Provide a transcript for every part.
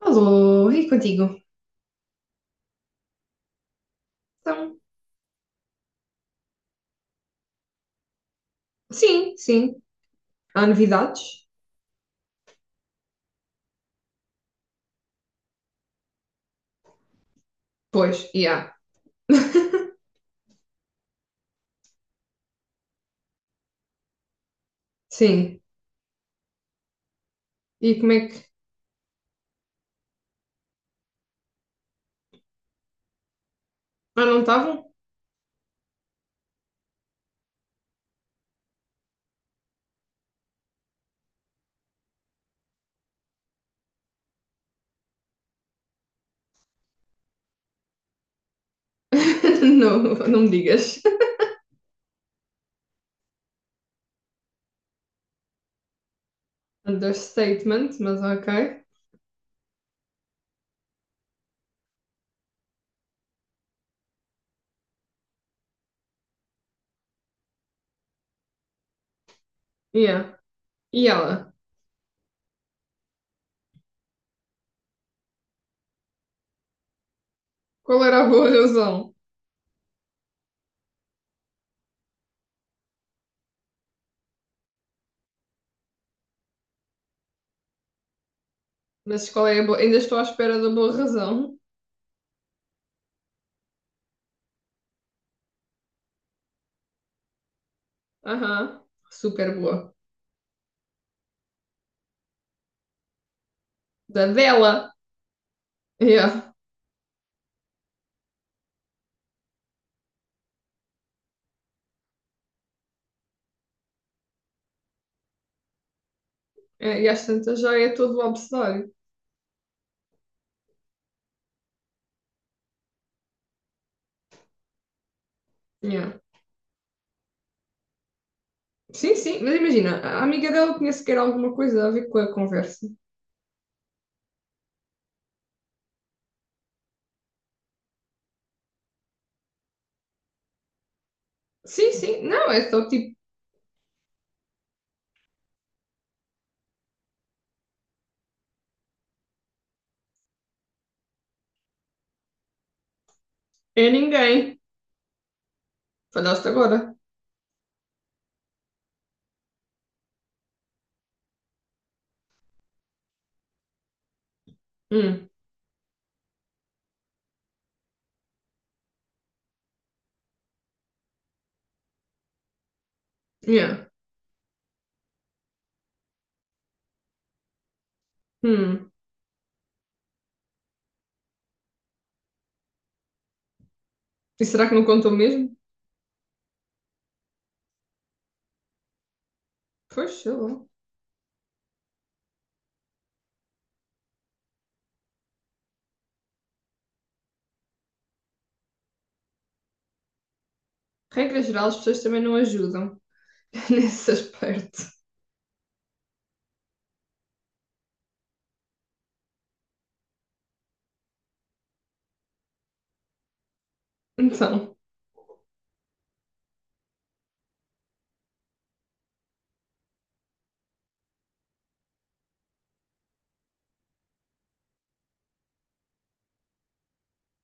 Alô, e contigo? Então, sim, sim. Há novidades? Pois, e há. Sim. E como é que. Ah, não estavam? Não, não me digas. Understatement, mas ok. Yeah. E ela? Qual era a boa razão? Mas qual é a boa? Ainda estou à espera da boa razão. Aham. Super boa. Da dela. Yeah. É, e às tantas já é todo o abecedário. Yeah. Sim, sim, mas imagina, a amiga dela tinha sequer alguma coisa a ver com a conversa. Sim, sim. Não, eu estou tipo, é ninguém. Falhaste agora. Hum, yeah. Hum. E será que não contou mesmo? Pois, sei lá. Regra geral, as pessoas também não ajudam nesse aspecto. Então,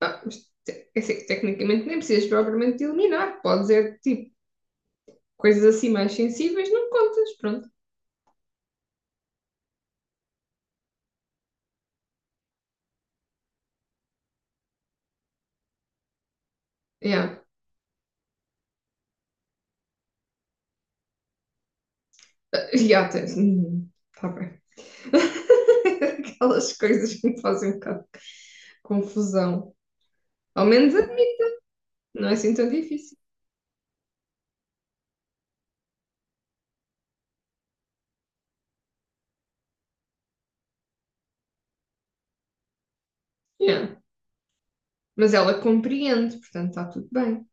ah, mas é assim, tecnicamente nem precisas propriamente de eliminar. Pode ser tipo, coisas assim mais sensíveis, não contas. Pronto. Yeah. Ah, yeah, tens. Tá bem. Aquelas coisas que me fazem um bocado de confusão. Ao menos a mim, não é assim tão difícil. Yeah. Mas ela compreende, portanto está tudo bem.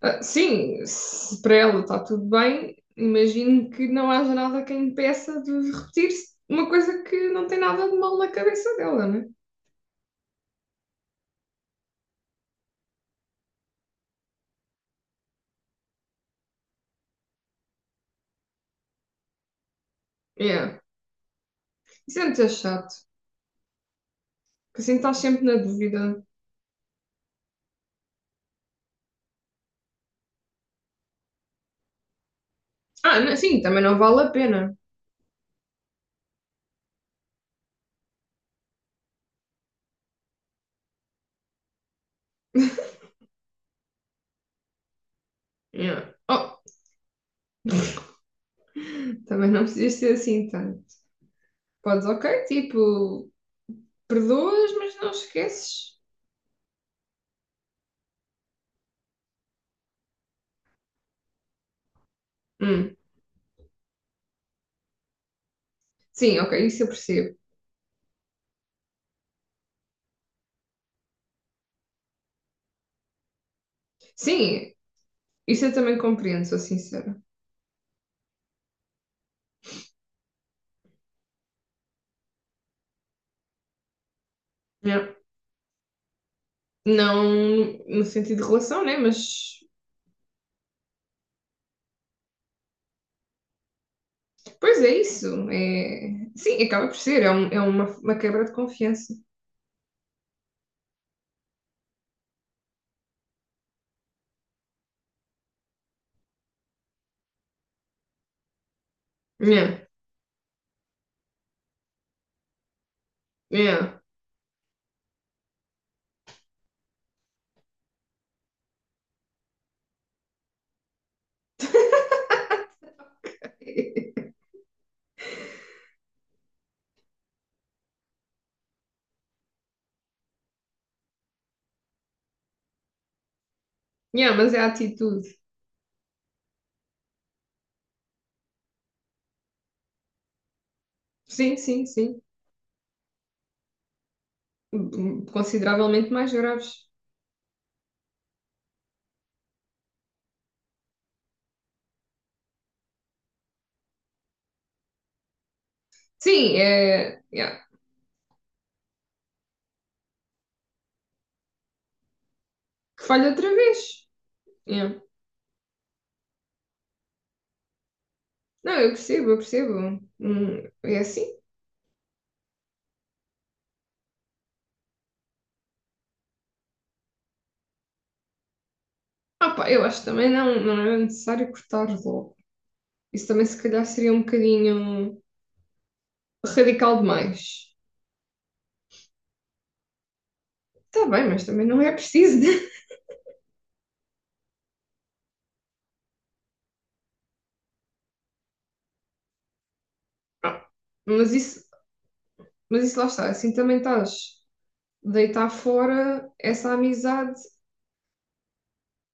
Ah, sim, se para ela está tudo bem, imagino que não haja nada que a impeça de repetir uma coisa que não tem nada de mal na cabeça dela, né? Yeah. Isso é muito chato, porque assim estás sempre na dúvida. Ah, sim, também não vale a pena. Yeah. Oh, também não precisas ser assim tanto. Podes, ok, tipo, perdoas, mas não esqueces. Hum. Sim, ok, isso eu percebo. Sim, isso eu também compreendo, sou sincera. Yeah. Não no sentido de relação, né? Mas, pois é isso. É... Sim, acaba por ser. É, é uma quebra de confiança. Yeah, yeah. Yeah, mas é a atitude. Sim, sim, sim. Consideravelmente mais graves. Sim, é. Yeah. Que falha outra vez. Yeah. Não, eu percebo, eu percebo. É assim. Ah, pá, eu acho que também não, não é necessário cortar logo. Isso também, se calhar, seria um bocadinho radical demais. Está bem, mas também não é preciso. Ah, mas isso, mas isso lá está, assim também estás a deitar fora essa amizade.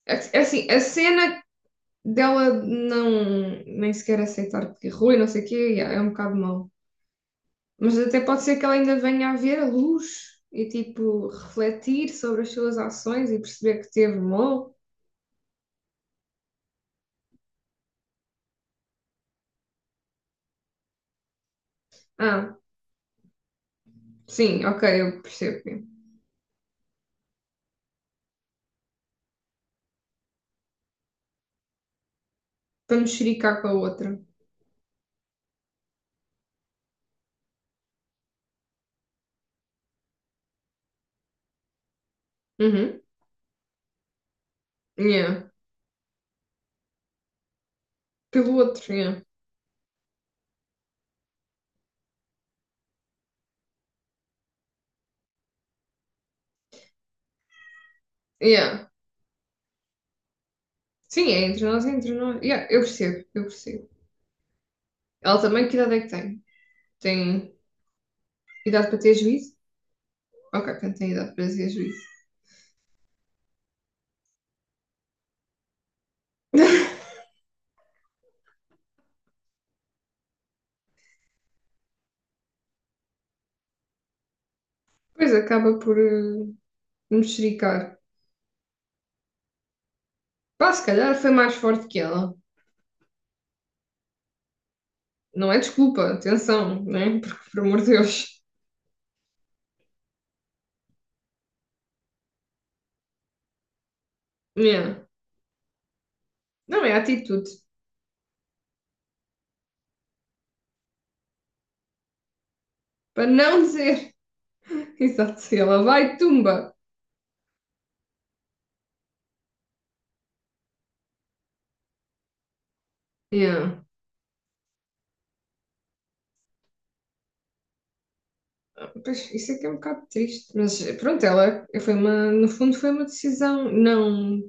É assim, a cena dela não nem sequer aceitar que errou e não sei o quê, yeah, é um bocado mau. Mas até pode ser que ela ainda venha a ver a luz e tipo refletir sobre as suas ações e perceber que teve mal. Ah, sim, ok, eu percebo. Yeah. Para mexericar com a outra. Uhum. Yeah. Pelo outro, yeah. Yeah. Sim, é entre nós, é entre nós. Yeah, eu percebo, eu percebo. Ela também, que idade é que tem? Tem idade para ter juízo? Ok, portanto tem idade para ter juízo. Depois acaba por mexericar. Pá, se calhar foi mais forte que ela. Não é desculpa, atenção, né? Porque, por amor de Deus. Yeah. Não, é a atitude. Para não dizer. Exato, se ela vai, tumba. Yeah. Pois, isso é que é um bocado triste. Mas pronto, ela foi uma. No fundo, foi uma decisão não.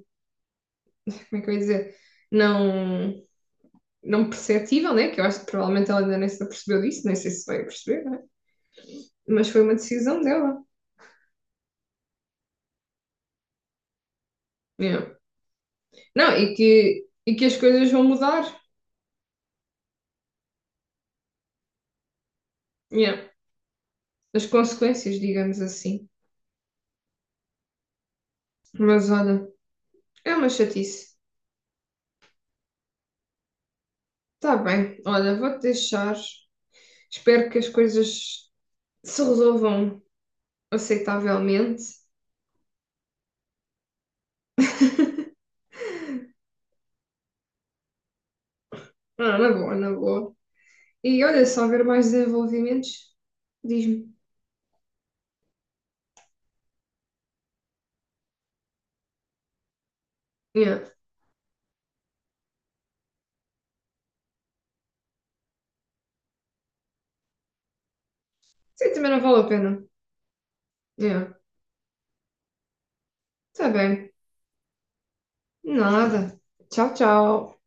Como é que eu ia dizer? Não não perceptível, né? Que eu acho que provavelmente ela ainda nem se apercebeu disso, nem sei se vai perceber, né? Mas foi uma decisão dela. Yeah. Não, e que as coisas vão mudar. Yeah. As consequências, digamos assim. Mas olha, é uma chatice. Está bem, olha, vou-te deixar. Espero que as coisas se resolvam aceitavelmente. Ah, na boa, na boa. E olha, se houver mais desenvolvimentos, diz-me. Yeah. Sim, também não vale a pena. Yeah. Tá bem. Nada. Tchau, tchau.